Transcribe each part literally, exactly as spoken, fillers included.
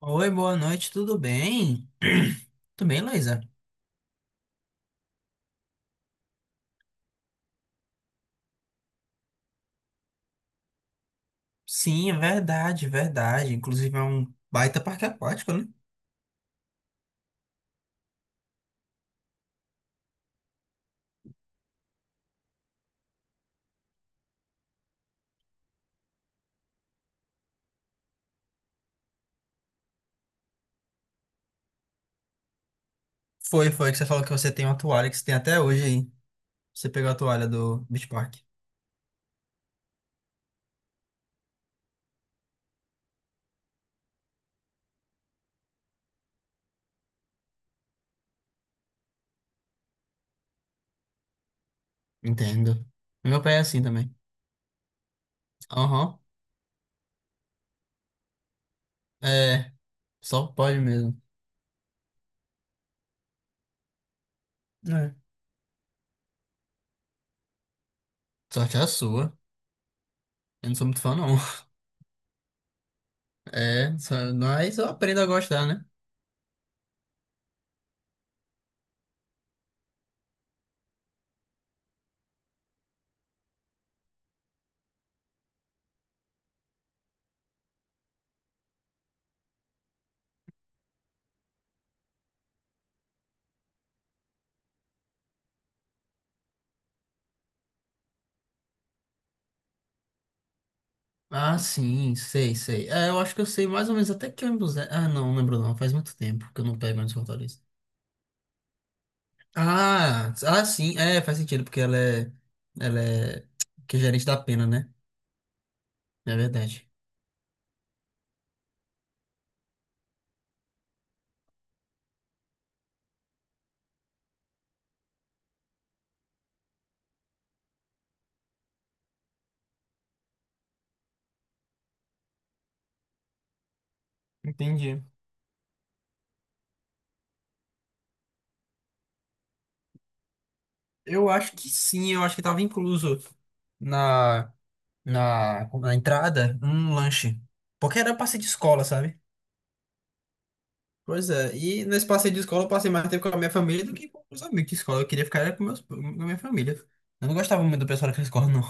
Oi, boa noite, tudo bem? Tudo bem, Luísa? Sim, é verdade, é verdade. Inclusive é um baita parque aquático, né? Foi, foi que você falou que você tem uma toalha que você tem até hoje aí. Você pegou a toalha do Beach Park. Entendo. Meu pai é assim também. Aham. É, só pode mesmo. É. Sorte é a sua. Eu não sou muito fã, não. É, só- mas eu aprendo a gostar, né? Ah, sim, sei, sei. É, eu acho que eu sei mais ou menos até que ônibus é. Ah, não, não lembro não. Faz muito tempo que eu não pego ônibus Fortaleza. Ah, ah, sim, é, faz sentido, porque ela é, ela é, que é gerente da pena, né? É verdade. Entendi. Eu acho que sim, eu acho que tava incluso na, na, na entrada um lanche. Porque era passeio de escola, sabe? Pois é, e nesse passeio de escola eu passei mais tempo com a minha família do que com os amigos de escola. Eu queria ficar era com, meus, com a minha família. Eu não gostava muito do pessoal daquela escola, não.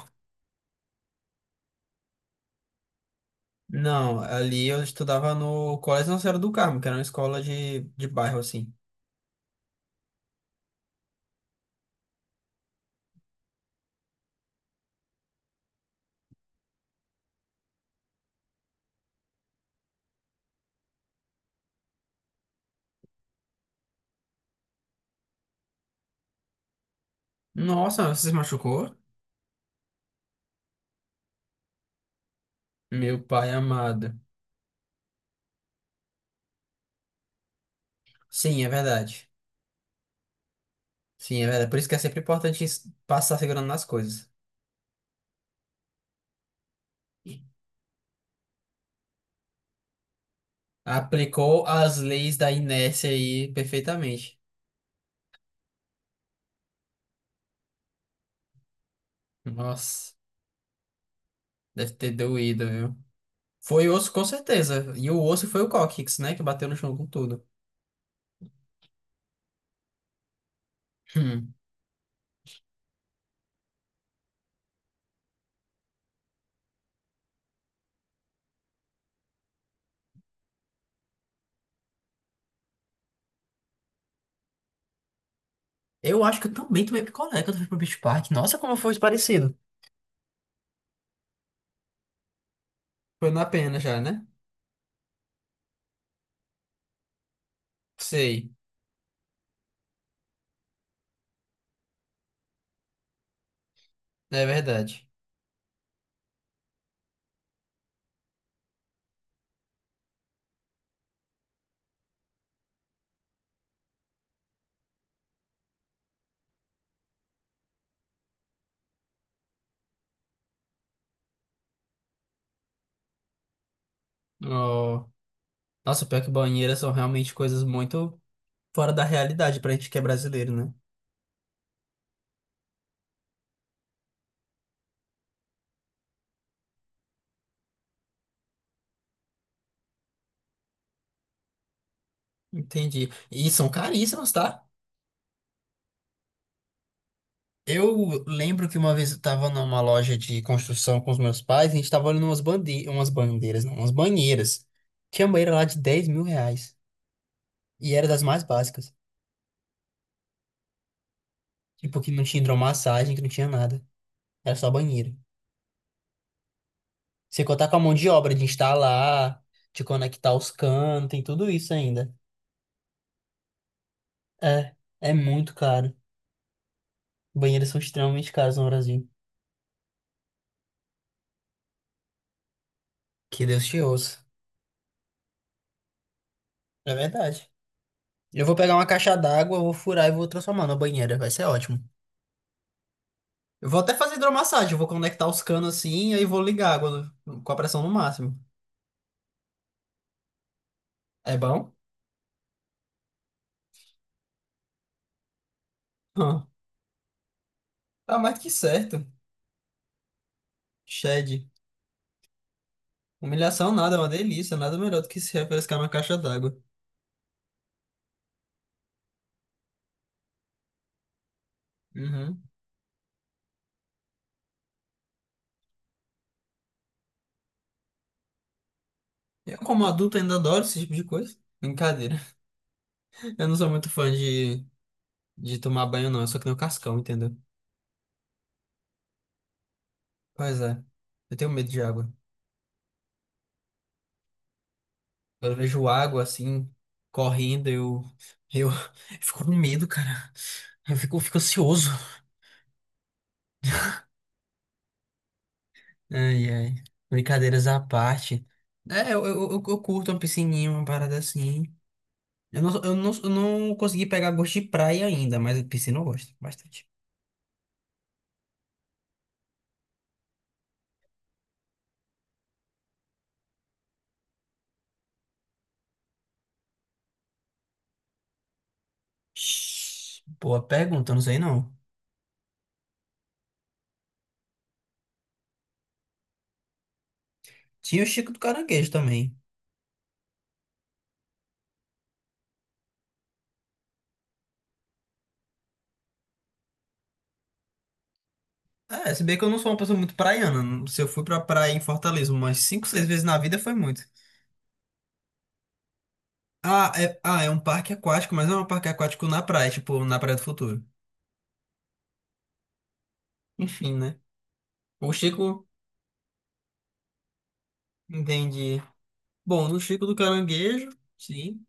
Não, ali eu estudava no Colégio Nossa Senhora do Carmo, que era uma escola de, de bairro, assim. Nossa, você se machucou? Meu pai amado. Sim, é verdade. Sim, é verdade. Por isso que é sempre importante s- passar segurando nas coisas. Aplicou as leis da inércia aí perfeitamente. Nossa, deve ter doído, viu? Foi osso, com certeza. E o osso foi o cóccix, né? Que bateu no chão com tudo. Hum. Eu acho que eu também tomei picolé quando eu fui pro Beach Park. Nossa, como foi parecido. Foi na pena já, né? Sei, é verdade. Oh. Nossa, pior que banheiras são realmente coisas muito fora da realidade pra gente que é brasileiro, né? Entendi. E são caríssimas, tá? Eu lembro que uma vez eu tava numa loja de construção com os meus pais, e a gente tava olhando umas bande... umas bandeiras, não, umas banheiras. Tinha banheira lá de dez mil reais. E era das mais básicas. Tipo, que não tinha hidromassagem, que não tinha nada. Era só banheiro. Sem contar com a mão de obra de instalar, de conectar os canos, tem tudo isso ainda. É, é muito caro. Banheiros são extremamente caros no Brasil. Que Deus te ouça. É verdade. Eu vou pegar uma caixa d'água, vou furar e vou transformar na banheira. Vai ser ótimo. Eu vou até fazer hidromassagem. Eu vou conectar os canos assim e aí vou ligar a água no- com a pressão no máximo. É bom? Hã. Tá mais que certo. Shed. Humilhação nada, é uma delícia. Nada melhor do que se refrescar na caixa d'água. Uhum. Eu, como adulto, ainda adoro esse tipo de coisa. Brincadeira. Eu não sou muito fã de, de tomar banho, não. Eu só que nem o cascão, entendeu? Pois é. Eu tenho medo de água. Quando eu vejo água assim, correndo, eu, eu fico com medo, cara. Eu fico, eu fico ansioso. Ai, ai. Brincadeiras à parte. É, eu, eu, eu eu curto uma piscininha, uma parada assim. Eu não, eu não, eu não consegui pegar gosto de praia ainda, mas piscina eu gosto bastante. Shhh, boa pergunta, não sei não. Tinha o Chico do Caranguejo também. É, se bem que eu não sou uma pessoa muito praiana. Se eu fui pra praia em Fortaleza umas cinco seis vezes na vida, foi muito. Ah, é, ah, é um parque aquático, mas não é um parque aquático na praia, tipo, na Praia do Futuro. Enfim, né? O Chico, entendi. Bom, no Chico do Caranguejo, sim.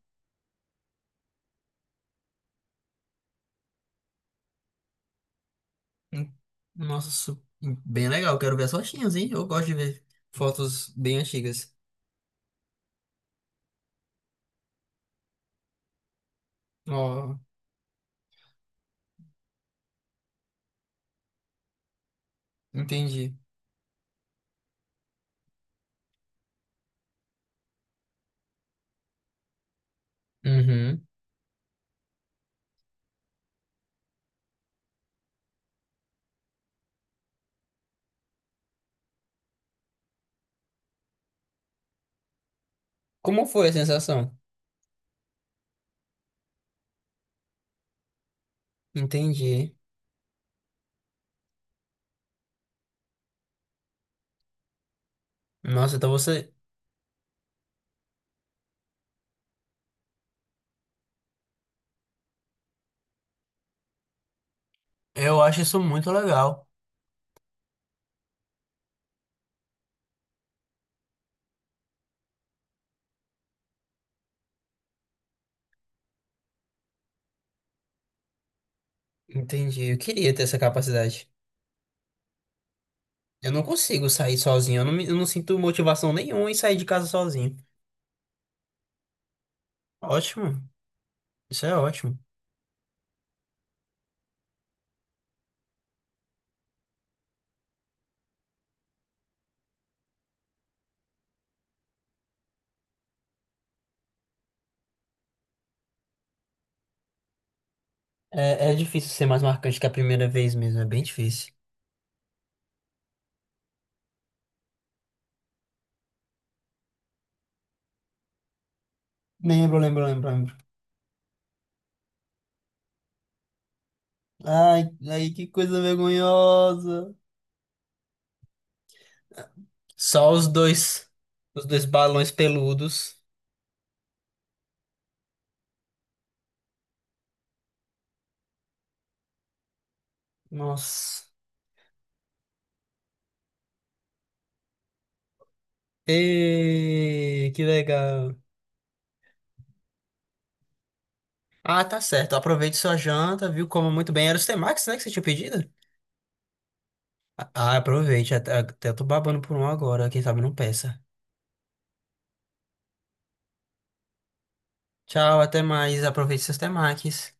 Hum, nossa, su- bem legal. Quero ver as fotinhas, hein? Eu gosto de ver fotos bem antigas. Ó, entendi. Uhum. Como foi a sensação? Entendi. Nossa, então você. Eu acho isso muito legal. Entendi. Eu queria ter essa capacidade. Eu não consigo sair sozinho. Eu não, me- eu não sinto motivação nenhuma em sair de casa sozinho. Ótimo, isso é ótimo. É, é difícil ser mais marcante que a primeira vez mesmo, é bem difícil. Lembro, lembro, lembro, lembro. Ai, ai, que coisa vergonhosa. Só os dois, os dois balões peludos. Nossa. Ê, que legal. Ah, tá certo. Aproveite sua janta, viu? Coma muito bem. Era os temakis, né, que você tinha pedido? Ah, aproveite. Até, até eu tô babando por um agora. Quem sabe não peça. Tchau, até mais. Aproveite seus temakis.